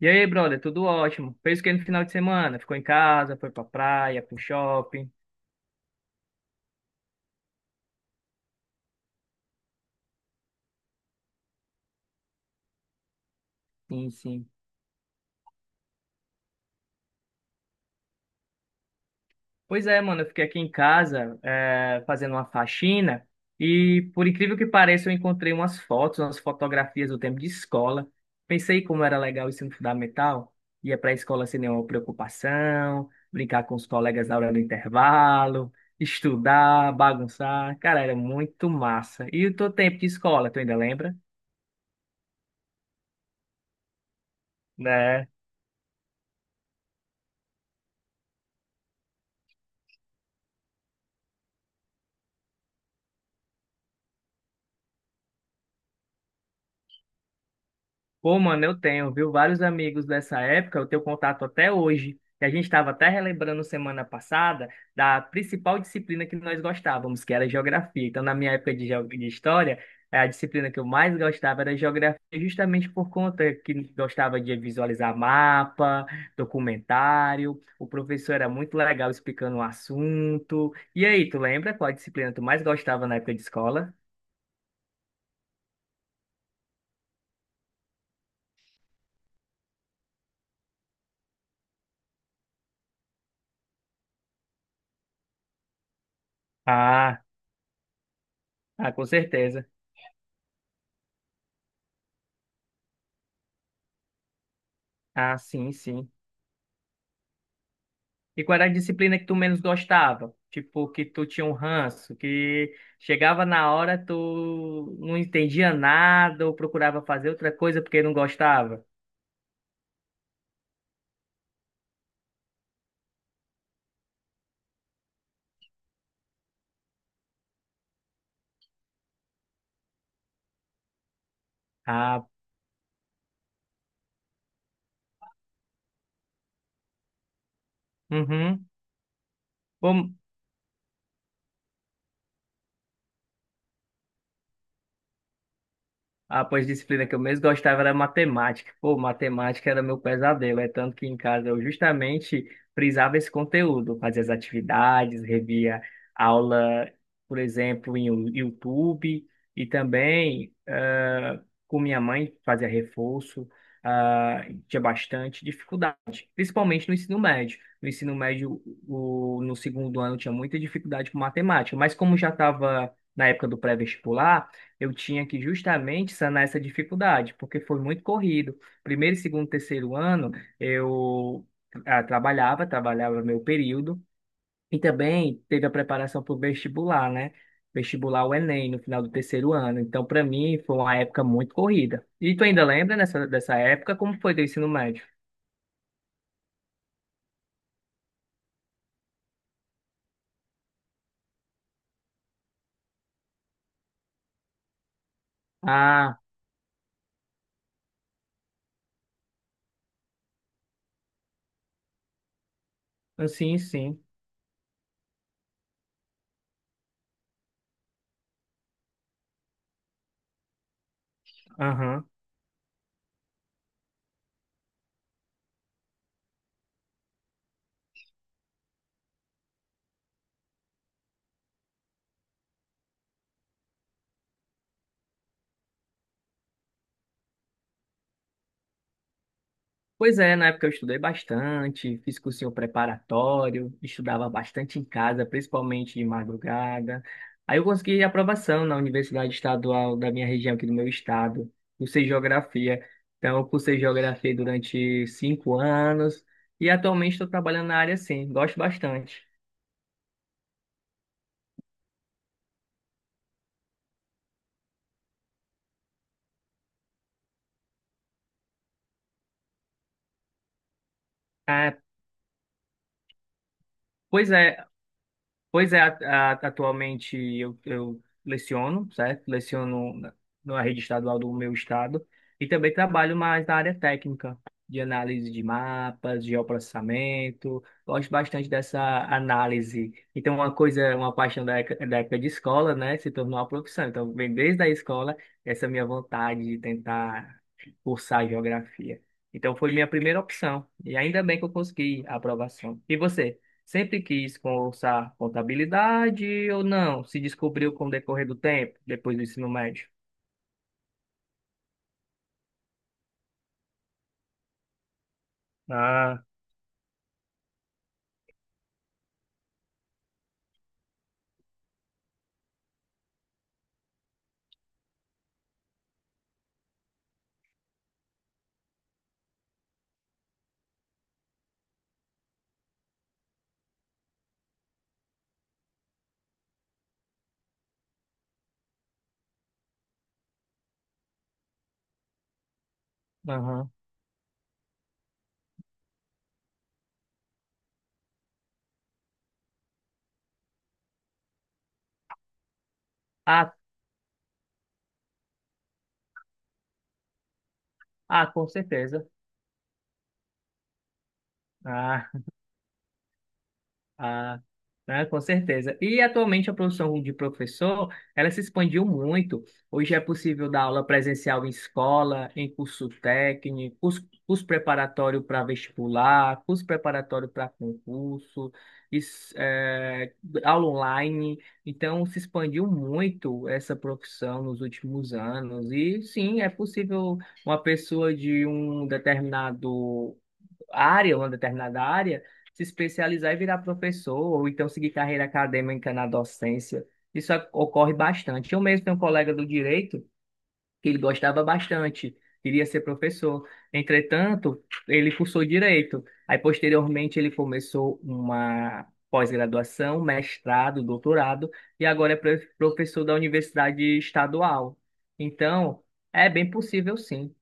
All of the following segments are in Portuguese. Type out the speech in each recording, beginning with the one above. E aí, brother, tudo ótimo. Fez o que no final de semana? Ficou em casa, foi pra praia, pro shopping? Sim, sim. Pois é, mano, eu fiquei aqui em casa, fazendo uma faxina e, por incrível que pareça, eu encontrei umas fotografias do tempo de escola. Pensei como era legal o ensino fundamental, ia pra escola sem nenhuma preocupação, brincar com os colegas na hora do intervalo, estudar, bagunçar. Cara, era muito massa. E o teu tempo de escola, tu ainda lembra? Né? Pô, mano, eu tenho, viu, vários amigos dessa época, eu tenho contato até hoje. E a gente estava até relembrando semana passada da principal disciplina que nós gostávamos, que era geografia. Então, na minha época de história, a disciplina que eu mais gostava era geografia, justamente por conta que gostava de visualizar mapa, documentário. O professor era muito legal explicando o assunto. E aí, tu lembra qual a disciplina tu mais gostava na época de escola? Ah, ah, com certeza. Ah, sim, sim. E qual era a disciplina que tu menos gostava? Tipo, que tu tinha um ranço, que chegava na hora, tu não entendia nada ou procurava fazer outra coisa porque não gostava? Ah, uhum. Bom, ah, pois disciplina que eu mesmo gostava era matemática. Pô, matemática era meu pesadelo, é tanto que em casa eu justamente frisava esse conteúdo, fazia as atividades, revia aula, por exemplo, em YouTube, e também com minha mãe fazia reforço, tinha bastante dificuldade, principalmente no ensino médio. No ensino médio, no segundo ano, tinha muita dificuldade com matemática, mas como já estava na época do pré-vestibular, eu tinha que justamente sanar essa dificuldade, porque foi muito corrido. Primeiro, segundo, terceiro ano, eu trabalhava meu período, e também teve a preparação para o vestibular, né? Vestibular o Enem no final do terceiro ano. Então, para mim, foi uma época muito corrida. E tu ainda lembra dessa época? Como foi teu ensino médio? Ah, sim, sim. Aham. Pois é, na época eu estudei bastante, fiz cursinho preparatório, estudava bastante em casa, principalmente de madrugada. Aí eu consegui aprovação na Universidade Estadual da minha região aqui do meu estado, cursei geografia. Então, eu cursei geografia durante 5 anos e atualmente estou trabalhando na área sim, gosto bastante. Ah, pois é, Pois é, atualmente eu leciono, certo? Leciono na rede estadual do meu estado e também trabalho mais na área técnica, de análise de mapas, geoprocessamento. Gosto bastante dessa análise. Então, uma paixão da época de escola, né, se tornou uma profissão. Então, vem desde a escola essa minha vontade de tentar cursar geografia. Então, foi minha primeira opção e ainda bem que eu consegui a aprovação. E você? Sempre quis cursar contabilidade ou não? Se descobriu com o decorrer do tempo, depois do ensino médio? Ah, aham. Ah, ah, com certeza. Ah, ah, né, com certeza. E atualmente a profissão de professor, ela se expandiu muito. Hoje é possível dar aula presencial em escola, em curso técnico, curso preparatório para vestibular, curso preparatório para concurso, is- eh, aula online. Então, se expandiu muito essa profissão nos últimos anos. E sim, é possível uma pessoa de uma determinada área, se especializar e virar professor, ou então seguir carreira acadêmica na docência. Isso ocorre bastante. Eu mesmo tenho um colega do direito que ele gostava bastante, queria ser professor. Entretanto, ele cursou direito. Aí, posteriormente, ele começou uma pós-graduação, mestrado, doutorado, e agora é professor da Universidade Estadual. Então, é bem possível, sim.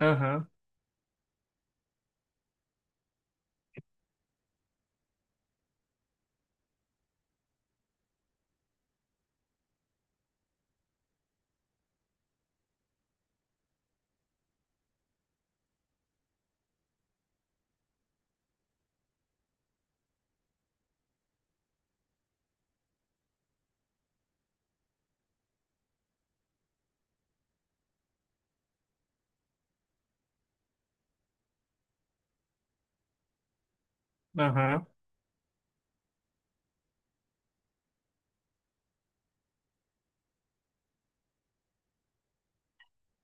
Aham, aham,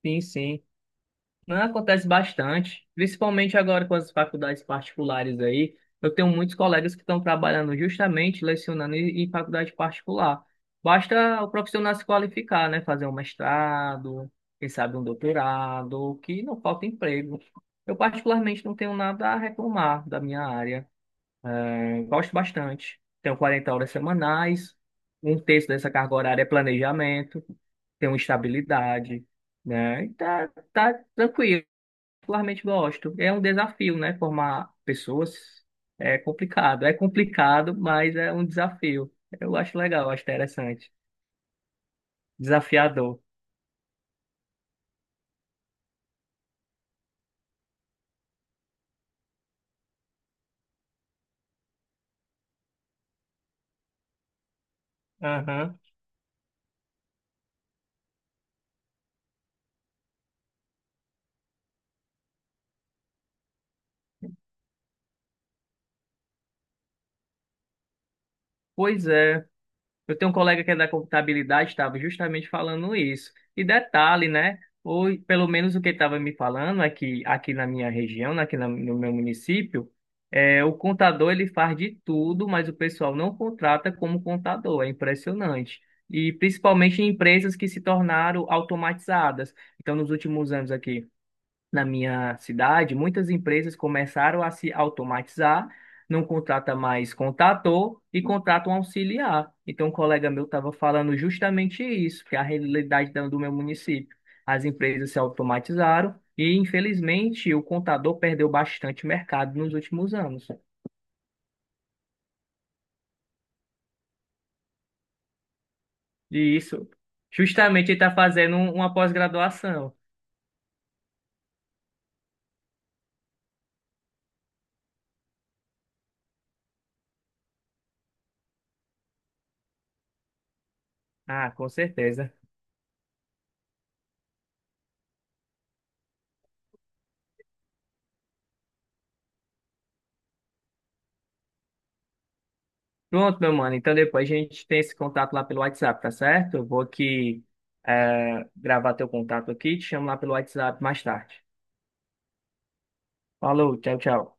sim, sim. Não, acontece bastante, principalmente agora com as faculdades particulares aí. Eu tenho muitos colegas que estão trabalhando justamente lecionando em faculdade particular. Basta o profissional se qualificar, né? Fazer um mestrado, quem sabe um doutorado, que não falta emprego. Eu particularmente não tenho nada a reclamar da minha área. É, gosto bastante. Tenho 40 horas semanais, um terço dessa carga horária é planejamento, tenho estabilidade, né? E tá tranquilo, particularmente gosto. É um desafio, né? Formar pessoas é complicado. É complicado, mas é um desafio. Eu acho legal, acho interessante. Desafiador. Aham. Pois é. Eu tenho um colega que é da contabilidade, estava justamente falando isso. E detalhe, né? Ou pelo menos o que ele estava me falando é que aqui na minha região, né, aqui no meu município, o contador ele faz de tudo, mas o pessoal não contrata como contador. É impressionante. E principalmente em empresas que se tornaram automatizadas. Então, nos últimos anos aqui na minha cidade, muitas empresas começaram a se automatizar, não contrata mais contator e contrata um auxiliar. Então, um colega meu estava falando justamente isso, que é a realidade do meu município. As empresas se automatizaram e, infelizmente, o contador perdeu bastante mercado nos últimos anos. E isso, justamente, ele está fazendo uma pós-graduação. Ah, com certeza. Pronto, meu mano. Então depois a gente tem esse contato lá pelo WhatsApp, tá certo? Eu vou aqui gravar teu contato aqui e te chamo lá pelo WhatsApp mais tarde. Falou, tchau, tchau.